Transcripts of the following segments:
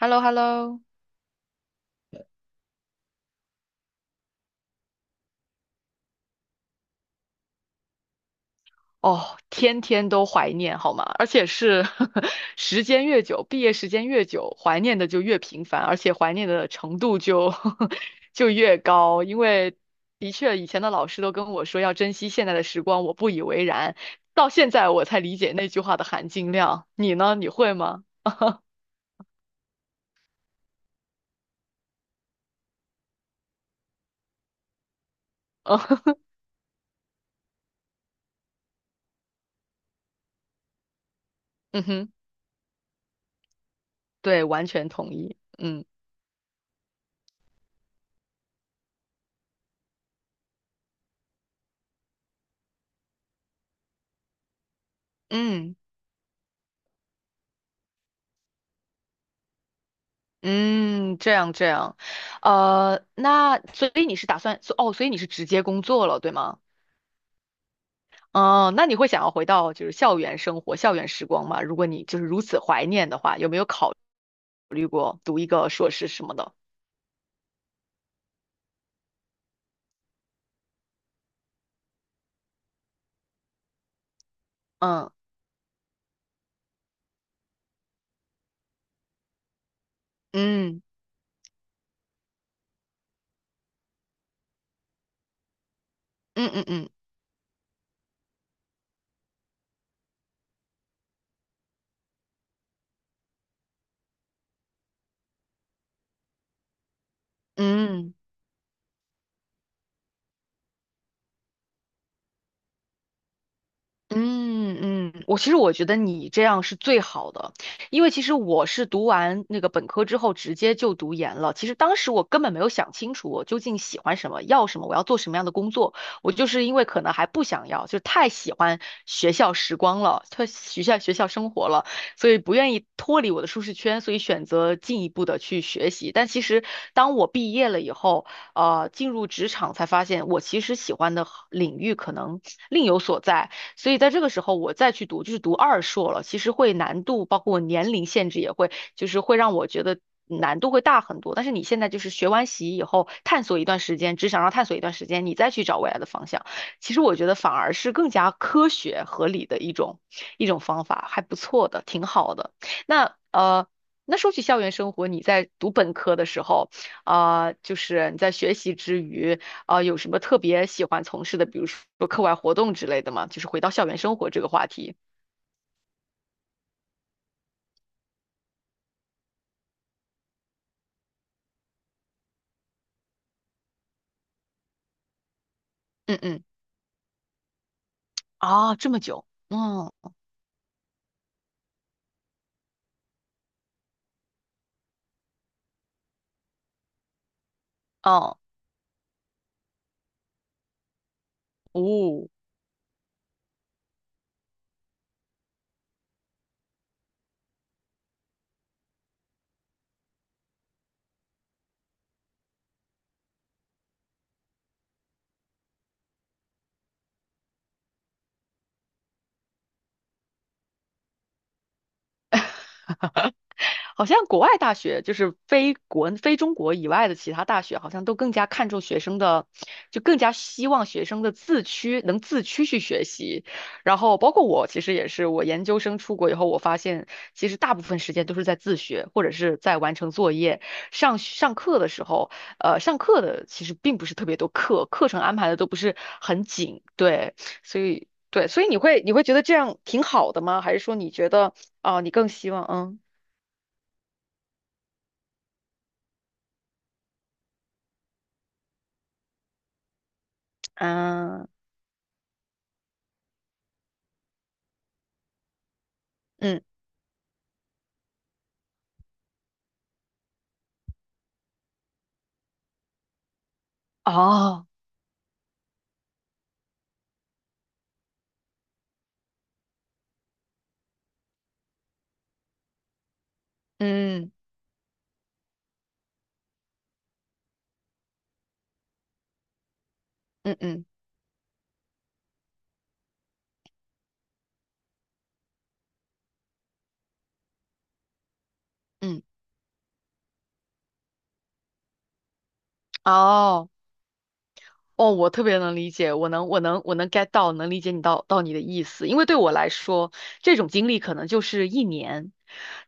hello hello 哦，天天都怀念好吗？而且是 时间越久，毕业时间越久，怀念的就越频繁，而且怀念的程度就 就越高。因为的确，以前的老师都跟我说要珍惜现在的时光，我不以为然，到现在我才理解那句话的含金量。你呢？你会吗？嗯哼，对，完全同意。嗯嗯。嗯，这样这样，那所以你是打算，哦，所以你是直接工作了，对吗？哦，那你会想要回到就是校园生活、校园时光吗？如果你就是如此怀念的话，有没有考读一个硕士什么的？嗯嗯嗯嗯嗯嗯。嗯嗯，我其实我觉得你这样是最好的，因为其实我是读完那个本科之后直接就读研了。其实当时我根本没有想清楚我究竟喜欢什么，要什么，我要做什么样的工作。我就是因为可能还不想要，就太喜欢学校时光了，太学校生活了，所以不愿意脱离我的舒适圈，所以选择进一步的去学习。但其实当我毕业了以后，进入职场才发现我其实喜欢的领域可能另有所在。所以在这个时候我再去读，就是读二硕了，其实会难度，包括我年龄限制也会，就是会让我觉得难度会大很多。但是你现在就是学完习以后，探索一段时间，只想上探索一段时间，你再去找未来的方向，其实我觉得反而是更加科学合理的一种方法，还不错的，挺好的。那。那说起校园生活，你在读本科的时候，啊、就是你在学习之余，啊，有什么特别喜欢从事的，比如说课外活动之类的吗？就是回到校园生活这个话题。嗯嗯，啊，这么久，嗯，哦，哦，好像国外大学就是非中国以外的其他大学，好像都更加看重学生的，就更加希望学生的能自驱去学习。然后包括我，其实也是，我研究生出国以后，我发现其实大部分时间都是在自学，或者是在完成作业。上课的时候，上课的其实并不是特别多课，课程安排的都不是很紧，对，所以对，所以你会觉得这样挺好的吗？还是说你觉得啊、你更希望嗯？嗯嗯，哦，嗯嗯嗯嗯，哦哦，我特别能理解，我能 get 到，能理解你到你的意思，因为对我来说，这种经历可能就是一年，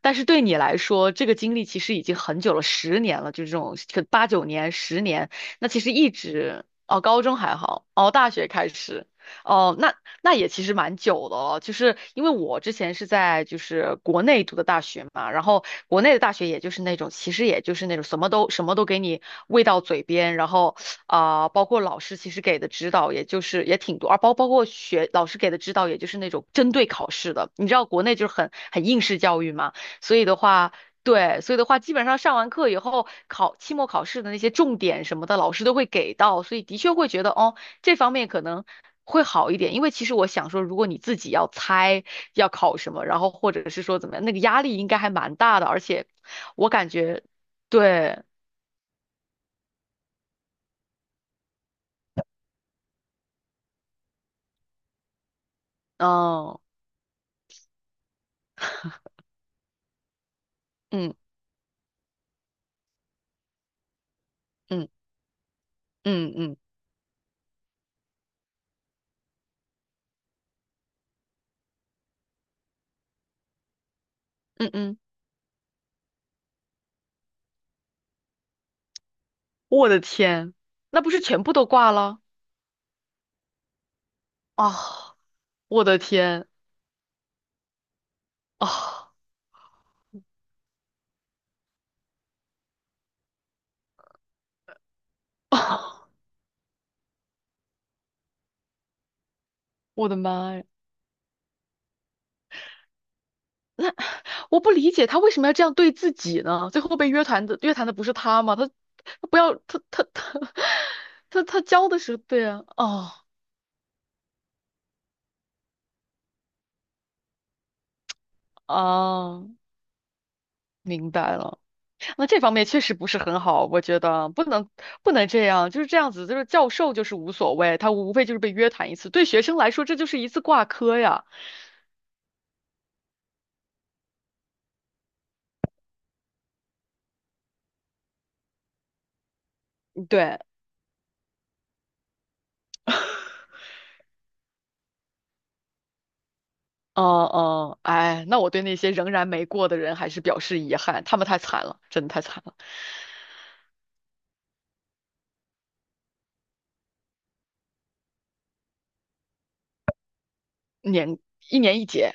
但是对你来说，这个经历其实已经很久了，十年了，就这种可八九年、十年，那其实一直哦，高中还好，哦，大学开始。哦，那也其实蛮久的了，就是因为我之前是在就是国内读的大学嘛，然后国内的大学也就是那种，其实也就是那种什么都给你喂到嘴边，然后啊、包括老师其实给的指导也就是也挺多，而包括老师给的指导也就是那种针对考试的，你知道国内就是很应试教育嘛，所以的话。对，所以的话，基本上上完课以后，考期末考试的那些重点什么的，老师都会给到，所以的确会觉得，哦，这方面可能会好一点，因为其实我想说，如果你自己要猜要考什么，然后或者是说怎么样，那个压力应该还蛮大的，而且我感觉，对，嗯嗯嗯嗯嗯嗯嗯，我的天，那不是全部都挂了啊！我的天啊啊！我的妈呀！我不理解他为什么要这样对自己呢？最后被约谈的不是他吗？他他不要他他他 他教的是对啊，哦，哦，明白了。那这方面确实不是很好，我觉得不能这样，就是这样子，就是教授就是无所谓，他无非就是被约谈一次，对学生来说这就是一次挂科呀。对，嗯嗯，哎，那我对那些仍然没过的人还是表示遗憾，他们太惨了，真的太惨了，年一年一节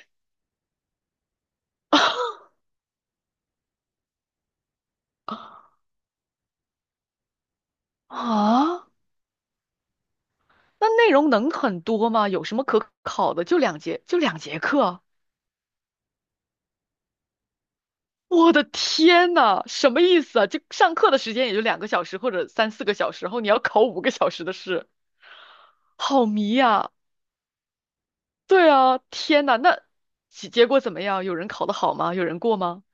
啊，那内容能很多吗？有什么可考的？就两节，就两节课。我的天呐，什么意思啊？这上课的时间也就2个小时或者3、4个小时，然后你要考5个小时的试，好迷呀！对啊，天呐，那结果怎么样？有人考得好吗？有人过吗？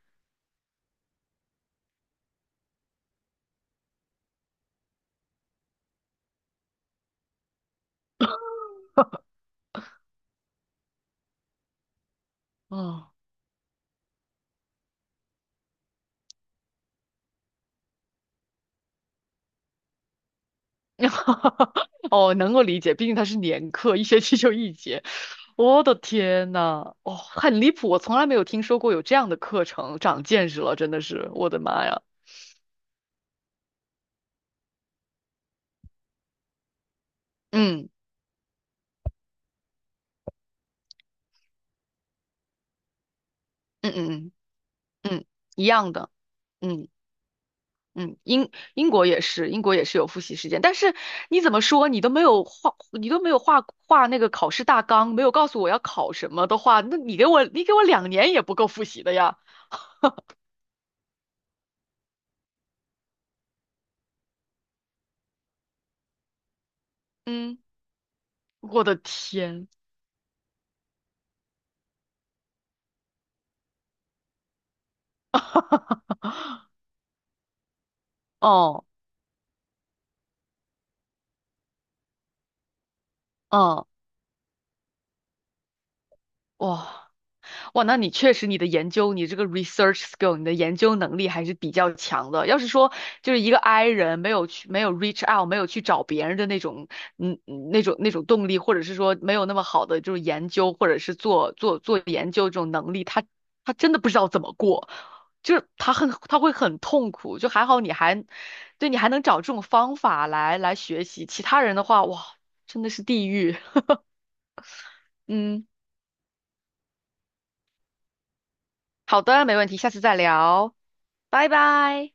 哦，哦，能够理解，毕竟它是年课，一学期就一节。我的天呐，哦，很离谱，我从来没有听说过有这样的课程，长见识了，真的是，我的妈呀！嗯嗯嗯嗯嗯，一样的。嗯。嗯，英国也是，英国也是有复习时间，但是你怎么说，你都没有画那个考试大纲，没有告诉我要考什么的话，那你给我，2年也不够复习的呀。嗯，我的天，哦，嗯，哇。哇，那你确实你的研究，你这个 research skill，你的研究能力还是比较强的。要是说就是一个 I 人没有 reach out，没有去找别人的那种那种动力，或者是说没有那么好的就是研究或者是做研究这种能力，他真的不知道怎么过，就是他会很痛苦。就还好你还能找这种方法来学习，其他人的话哇真的是地狱。嗯，好的，没问题，下次再聊，拜拜。